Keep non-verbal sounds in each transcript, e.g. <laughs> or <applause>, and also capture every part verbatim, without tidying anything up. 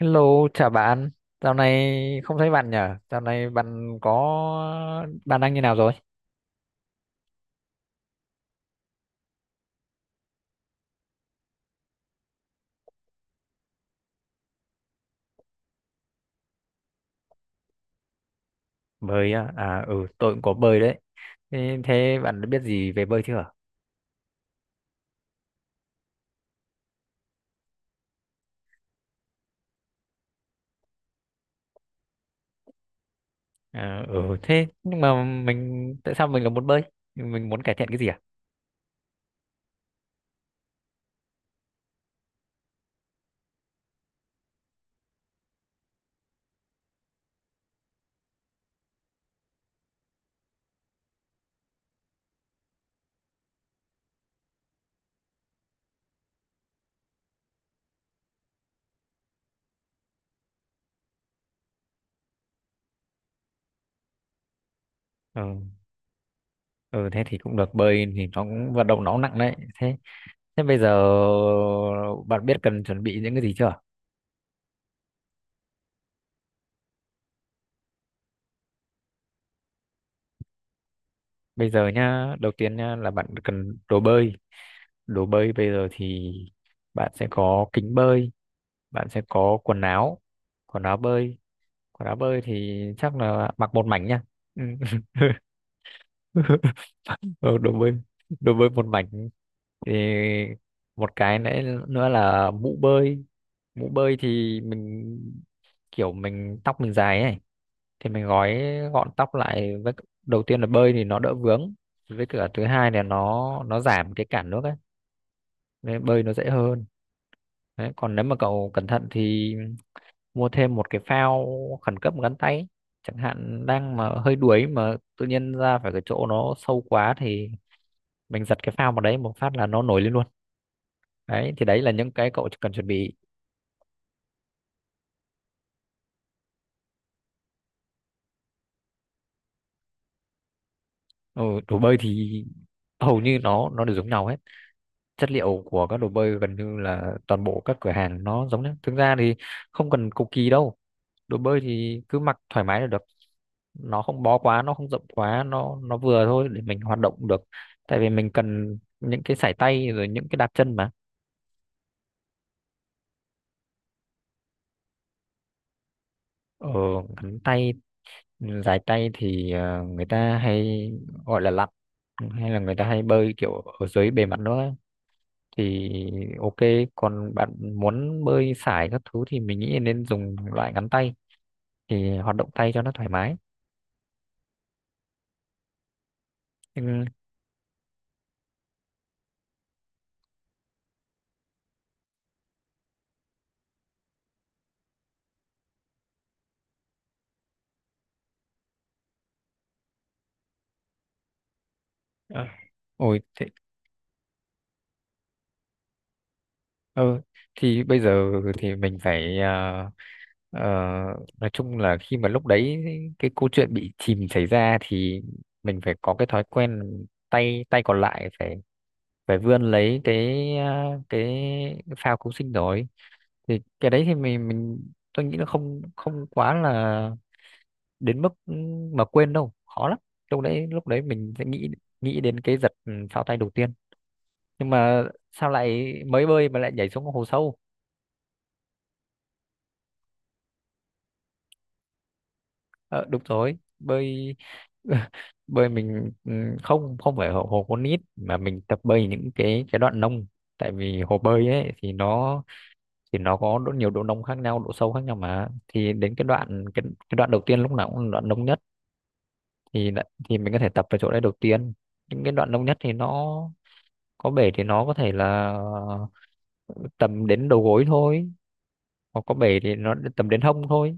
Hello, chào bạn. Dạo này không thấy bạn nhở? Dạo này bạn có bạn đang như nào rồi? Bơi à? À ừ, tôi cũng có bơi đấy. Thế, thế bạn đã biết gì về bơi chưa? À, ừ thế nhưng mà mình tại sao mình lại muốn bơi? Mình muốn cải thiện cái gì à? Ừ, ừ thế thì cũng được, bơi thì nó cũng vận động, nó cũng nặng đấy. Thế thế bây giờ bạn biết cần chuẩn bị những cái gì chưa? Bây giờ nhá, đầu tiên nhá là bạn cần đồ bơi. Đồ bơi bây giờ thì bạn sẽ có kính bơi, bạn sẽ có quần áo quần áo bơi, quần áo bơi thì chắc là mặc một mảnh nha, ừ. <laughs> Ờ, đồ bơi đồ bơi một mảnh thì một cái nữa nữa là mũ bơi, mũ bơi thì mình kiểu mình tóc mình dài ấy thì mình gói gọn tóc lại, với đầu tiên là bơi thì nó đỡ vướng, với cả thứ hai là nó nó giảm cái cản nước ấy nên bơi nó dễ hơn. Đấy, còn nếu mà cậu cẩn thận thì mua thêm một cái phao khẩn cấp gắn tay ấy. Chẳng hạn đang mà hơi đuối mà tự nhiên ra phải cái chỗ nó sâu quá thì mình giật cái phao vào đấy một phát là nó nổi lên luôn, đấy thì đấy là những cái cậu cần chuẩn bị. Ừ, đồ bơi thì hầu như nó nó đều giống nhau hết, chất liệu của các đồ bơi gần như là toàn bộ các cửa hàng nó giống nhau, thực ra thì không cần cầu kỳ đâu, đồ bơi thì cứ mặc thoải mái là được, nó không bó quá, nó không rộng quá, nó nó vừa thôi để mình hoạt động được, tại vì mình cần những cái sải tay rồi những cái đạp chân mà. ờ Ngắn tay, dài tay thì ờ, người ta hay gọi là lặn, hay là người ta hay bơi kiểu ở dưới bề mặt nữa thì ok. Còn bạn muốn bơi sải các thứ thì mình nghĩ nên dùng loại ngắn tay thì hoạt động tay cho nó thoải mái. Nhưng ờ, ôi thế. Ừ, thì bây giờ thì mình phải, ờ, ờ, nói chung là khi mà lúc đấy cái câu chuyện bị chìm xảy ra thì mình phải có cái thói quen, tay tay còn lại phải phải vươn lấy cái ờ, cái phao cứu sinh rồi, thì cái đấy thì mình mình tôi nghĩ là không không quá là đến mức mà quên đâu, khó lắm. Lúc đấy lúc đấy mình sẽ nghĩ nghĩ đến cái giật, ừ, phao tay đầu tiên. Nhưng mà sao lại mới bơi mà lại nhảy xuống hồ sâu? Ờ, đúng rồi, bơi <laughs> bơi mình, ừ, không không phải hồ, hồ con nít mà mình tập bơi những cái cái đoạn nông, tại vì hồ bơi ấy thì nó thì nó có độ nhiều, độ nông khác nhau, độ sâu khác nhau mà, thì đến cái đoạn cái, cái đoạn đầu tiên lúc nào cũng là đoạn nông nhất thì lại- thì mình có thể tập ở chỗ đấy đầu tiên. Những cái đoạn nông nhất thì nó có bể thì nó có thể là tầm đến đầu gối thôi, hoặc có bể thì nó tầm đến hông thôi,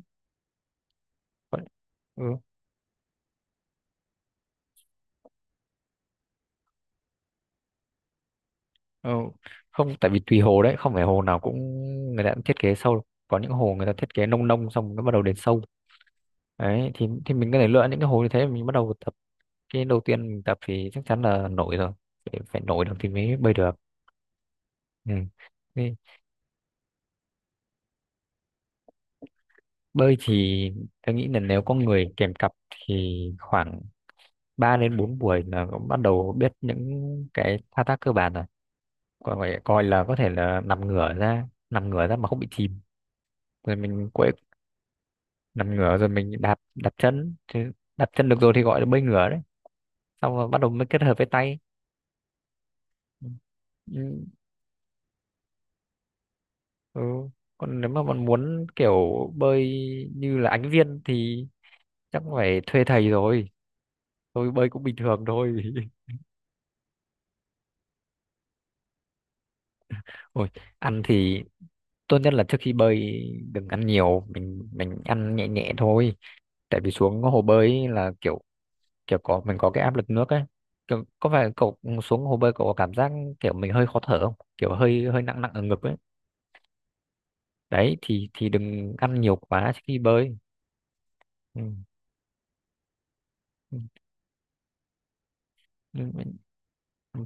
ừ. Ờ, không, tại vì tùy hồ đấy, không phải hồ nào cũng người ta cũng thiết kế sâu, có những hồ người ta thiết kế nông nông xong nó bắt đầu đến sâu, đấy thì thì mình có thể lựa những cái hồ như thế mình bắt đầu tập. Cái đầu tiên mình tập thì chắc chắn là nổi rồi, phải, phải nổi được thì mới bơi được, ừ. Thế, bơi thì tôi nghĩ là nếu có người kèm cặp thì khoảng ba đến bốn buổi là cũng bắt đầu biết những cái thao tác cơ bản rồi, còn phải coi là có thể là nằm ngửa ra nằm ngửa ra mà không bị chìm rồi mình, nằm ngửa rồi mình đạp đạp chân thì đạp chân được rồi thì gọi là bơi ngửa đấy, xong rồi bắt đầu mới kết hợp với tay, ừ. Ừ, còn nếu mà bạn muốn kiểu bơi như là Ánh Viên thì chắc phải thuê thầy rồi, tôi bơi cũng bình thường thôi. <laughs> Ôi, ăn thì tốt nhất là trước khi bơi đừng ăn nhiều, mình mình ăn nhẹ nhẹ thôi, tại vì xuống hồ bơi ấy là kiểu kiểu có mình có cái áp lực nước ấy, kiểu, có phải cậu xuống hồ bơi cậu có cảm giác kiểu mình hơi khó thở không, kiểu hơi hơi nặng nặng ở ngực ấy, đấy thì thì đừng ăn nhiều quá khi bơi, ừ. ừ, ừ, ừ,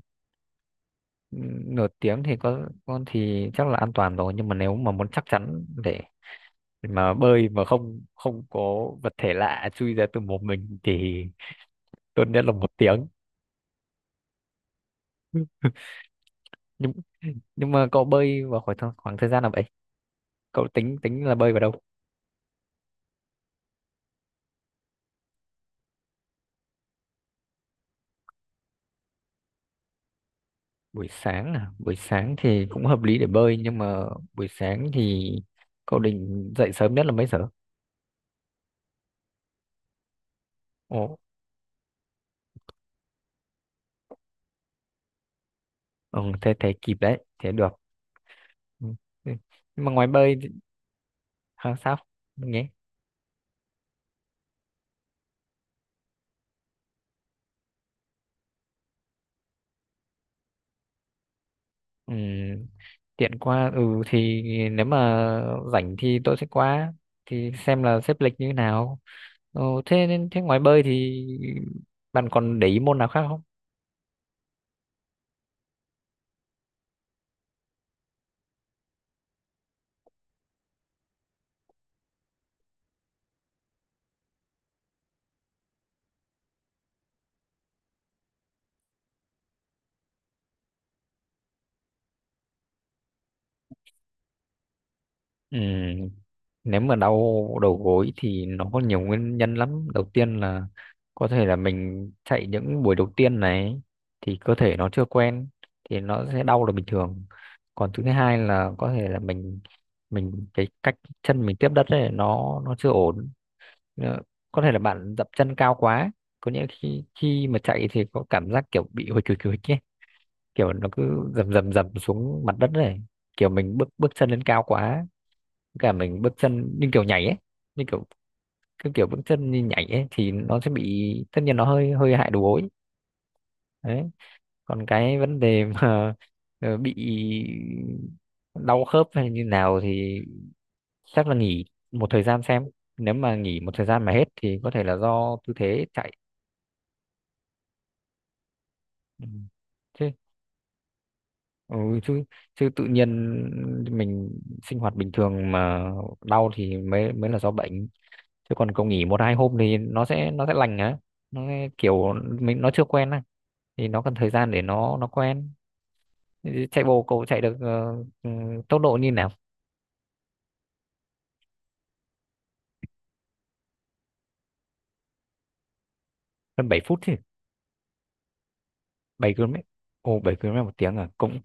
Nửa tiếng thì có con thì chắc là an toàn rồi, nhưng mà nếu mà muốn chắc chắn để mà bơi mà không không có vật thể lạ chui ra từ mồm mình thì tốt nhất là một tiếng. nhưng nhưng mà cậu bơi vào khoảng thời- khoảng thời gian nào vậy, cậu tính tính là bơi vào đâu? Buổi sáng à, buổi sáng thì cũng hợp lý để bơi, nhưng mà buổi sáng thì cậu định dậy sớm nhất là mấy giờ? Ồ, ừ, thế thế kịp đấy, thế được, ừ. Ừ. Nhưng mà ngoài bơi thì- à, sao? Mình nhé, ừ, tiện qua, ừ, thì nếu mà rảnh thì tôi sẽ qua thì xem là xếp lịch như thế nào. Ừ, thế nên thế ngoài bơi thì bạn còn để ý môn nào khác không? Ừ, nếu mà đau đầu gối thì nó có nhiều nguyên nhân lắm. Đầu tiên là có thể là mình chạy những buổi đầu tiên này thì cơ thể nó chưa quen thì nó sẽ đau là bình thường. Còn thứ hai là có thể là mình mình cái cách chân mình tiếp đất ấy nó nó chưa ổn. Ờ, có thể là bạn dậm chân cao quá. Có nghĩa khi khi mà chạy thì có cảm giác kiểu bị hồi chùi chùi ấy, kiểu nó cứ dầm dầm dầm xuống mặt đất này, kiểu mình bước bước chân lên cao quá, cả mình bước chân như kiểu nhảy ấy, như kiểu cái kiểu bước chân như nhảy ấy thì nó sẽ bị, tất nhiên nó hơi hơi hại đầu gối đấy. Còn cái vấn đề mà <laughs> ờ, bị đau khớp hay như nào thì chắc là nghỉ một thời gian xem, nếu mà nghỉ một thời gian mà hết thì có thể là do tư thế chạy. Ừ. Chứ ừ, chứ chứ tự nhiên mình sinh hoạt bình thường mà đau thì mới mới là do bệnh, chứ còn cậu nghỉ một hai hôm thì nó sẽ nó sẽ lành á, nó sẽ kiểu mình nó chưa quen á thì nó cần thời gian để nó nó quen. Chạy bộ cậu chạy được ờ, ừ, tốc độ như nào? Gần bảy phút chứ, bảy ki lô mét. Ồ, bảy ki lô mét một tiếng à, cũng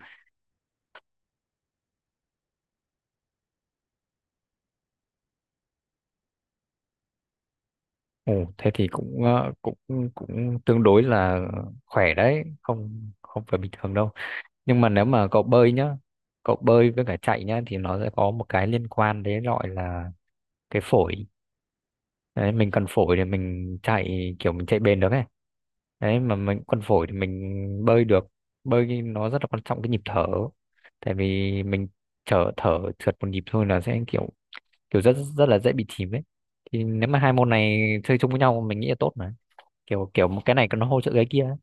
ồ thế thì cũng, ờ, cũng cũng tương đối là khỏe đấy, không không phải bình thường đâu. Nhưng mà nếu mà cậu bơi nhá, cậu bơi với cả chạy nhá thì nó sẽ có một cái liên quan đấy gọi là cái phổi. Đấy mình cần phổi để mình chạy kiểu mình chạy bền được ấy, đấy mà mình cần phổi thì mình bơi được. Bơi thì nó rất là quan trọng cái nhịp thở, tại vì mình thở thở trượt một nhịp thôi là sẽ kiểu kiểu rất rất là dễ bị chìm ấy. Thì nếu mà hai môn này chơi chung với nhau mình nghĩ là tốt mà, kiểu kiểu một cái này nó hỗ trợ cái kia.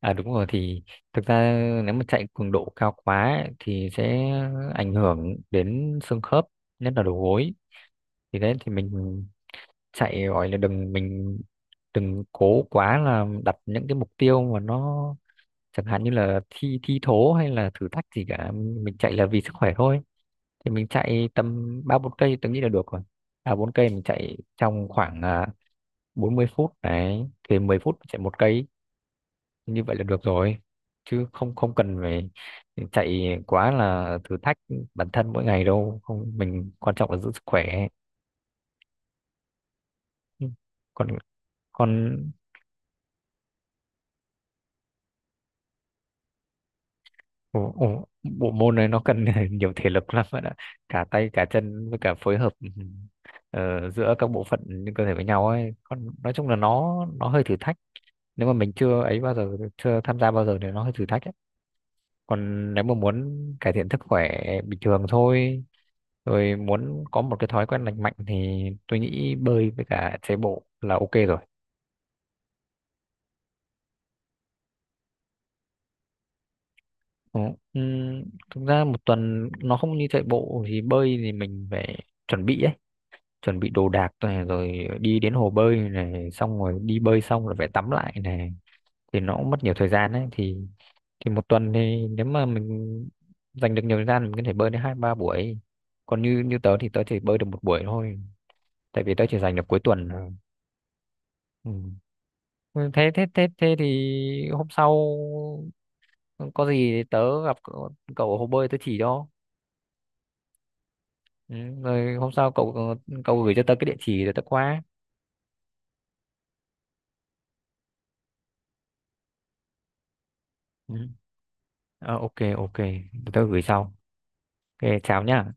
À đúng rồi, thì thực ra nếu mà chạy cường độ cao quá ấy, thì sẽ ảnh hưởng đến xương khớp, nhất là đầu gối. Thì đấy thì mình chạy gọi là đừng mình đừng cố quá là đặt những cái mục tiêu mà nó chẳng hạn như là thi thi thố hay là thử thách gì cả, mình chạy là vì sức khỏe thôi. Thì mình chạy tầm ba bốn cây tôi nghĩ là được rồi, ba bốn cây mình chạy trong khoảng à, bốn mươi phút đấy thì mười phút chạy một cây, như vậy là được rồi, chứ không không cần phải chạy quá là thử thách bản thân mỗi ngày đâu, không mình quan trọng là giữ sức khỏe. Ừ. còn còn ồ, ồ, bộ môn này nó cần <laughs> nhiều thể lực lắm bạn ạ, cả tay cả chân với cả phối hợp, ừ, ờ, giữa các bộ phận trên cơ thể với nhau ấy, còn nói chung là nó nó hơi thử thách, nếu mà mình chưa ấy bao giờ chưa tham gia bao giờ thì nó hơi thử thách ấy. Còn nếu mà muốn cải thiện sức khỏe bình thường thôi, rồi muốn có một cái thói quen lành mạnh thì tôi nghĩ bơi với cả chạy bộ là ok rồi. Ừ, ừm, thực ra một tuần nó không như chạy bộ, thì bơi thì mình phải chuẩn bị ấy, chuẩn bị đồ đạc này rồi đi đến hồ bơi này xong rồi đi bơi xong rồi phải tắm lại này, thì nó cũng mất nhiều thời gian đấy. Thì thì một tuần thì nếu mà mình dành được nhiều thời gian mình có thể bơi đến hai ba buổi, còn như như tớ thì tớ chỉ bơi được một buổi thôi, tại vì tớ chỉ dành được cuối tuần thôi, ừ. Ừ, thế thế thế thế thì hôm sau có gì thì tớ gặp cậu cậu ở hồ bơi tớ chỉ cho, ừ. Rồi hôm sau cậu cậu gửi cho tớ cái địa chỉ rồi tớ qua, ừ. Ờ, ok ok. Tớ gửi sau. Ok, chào nhá.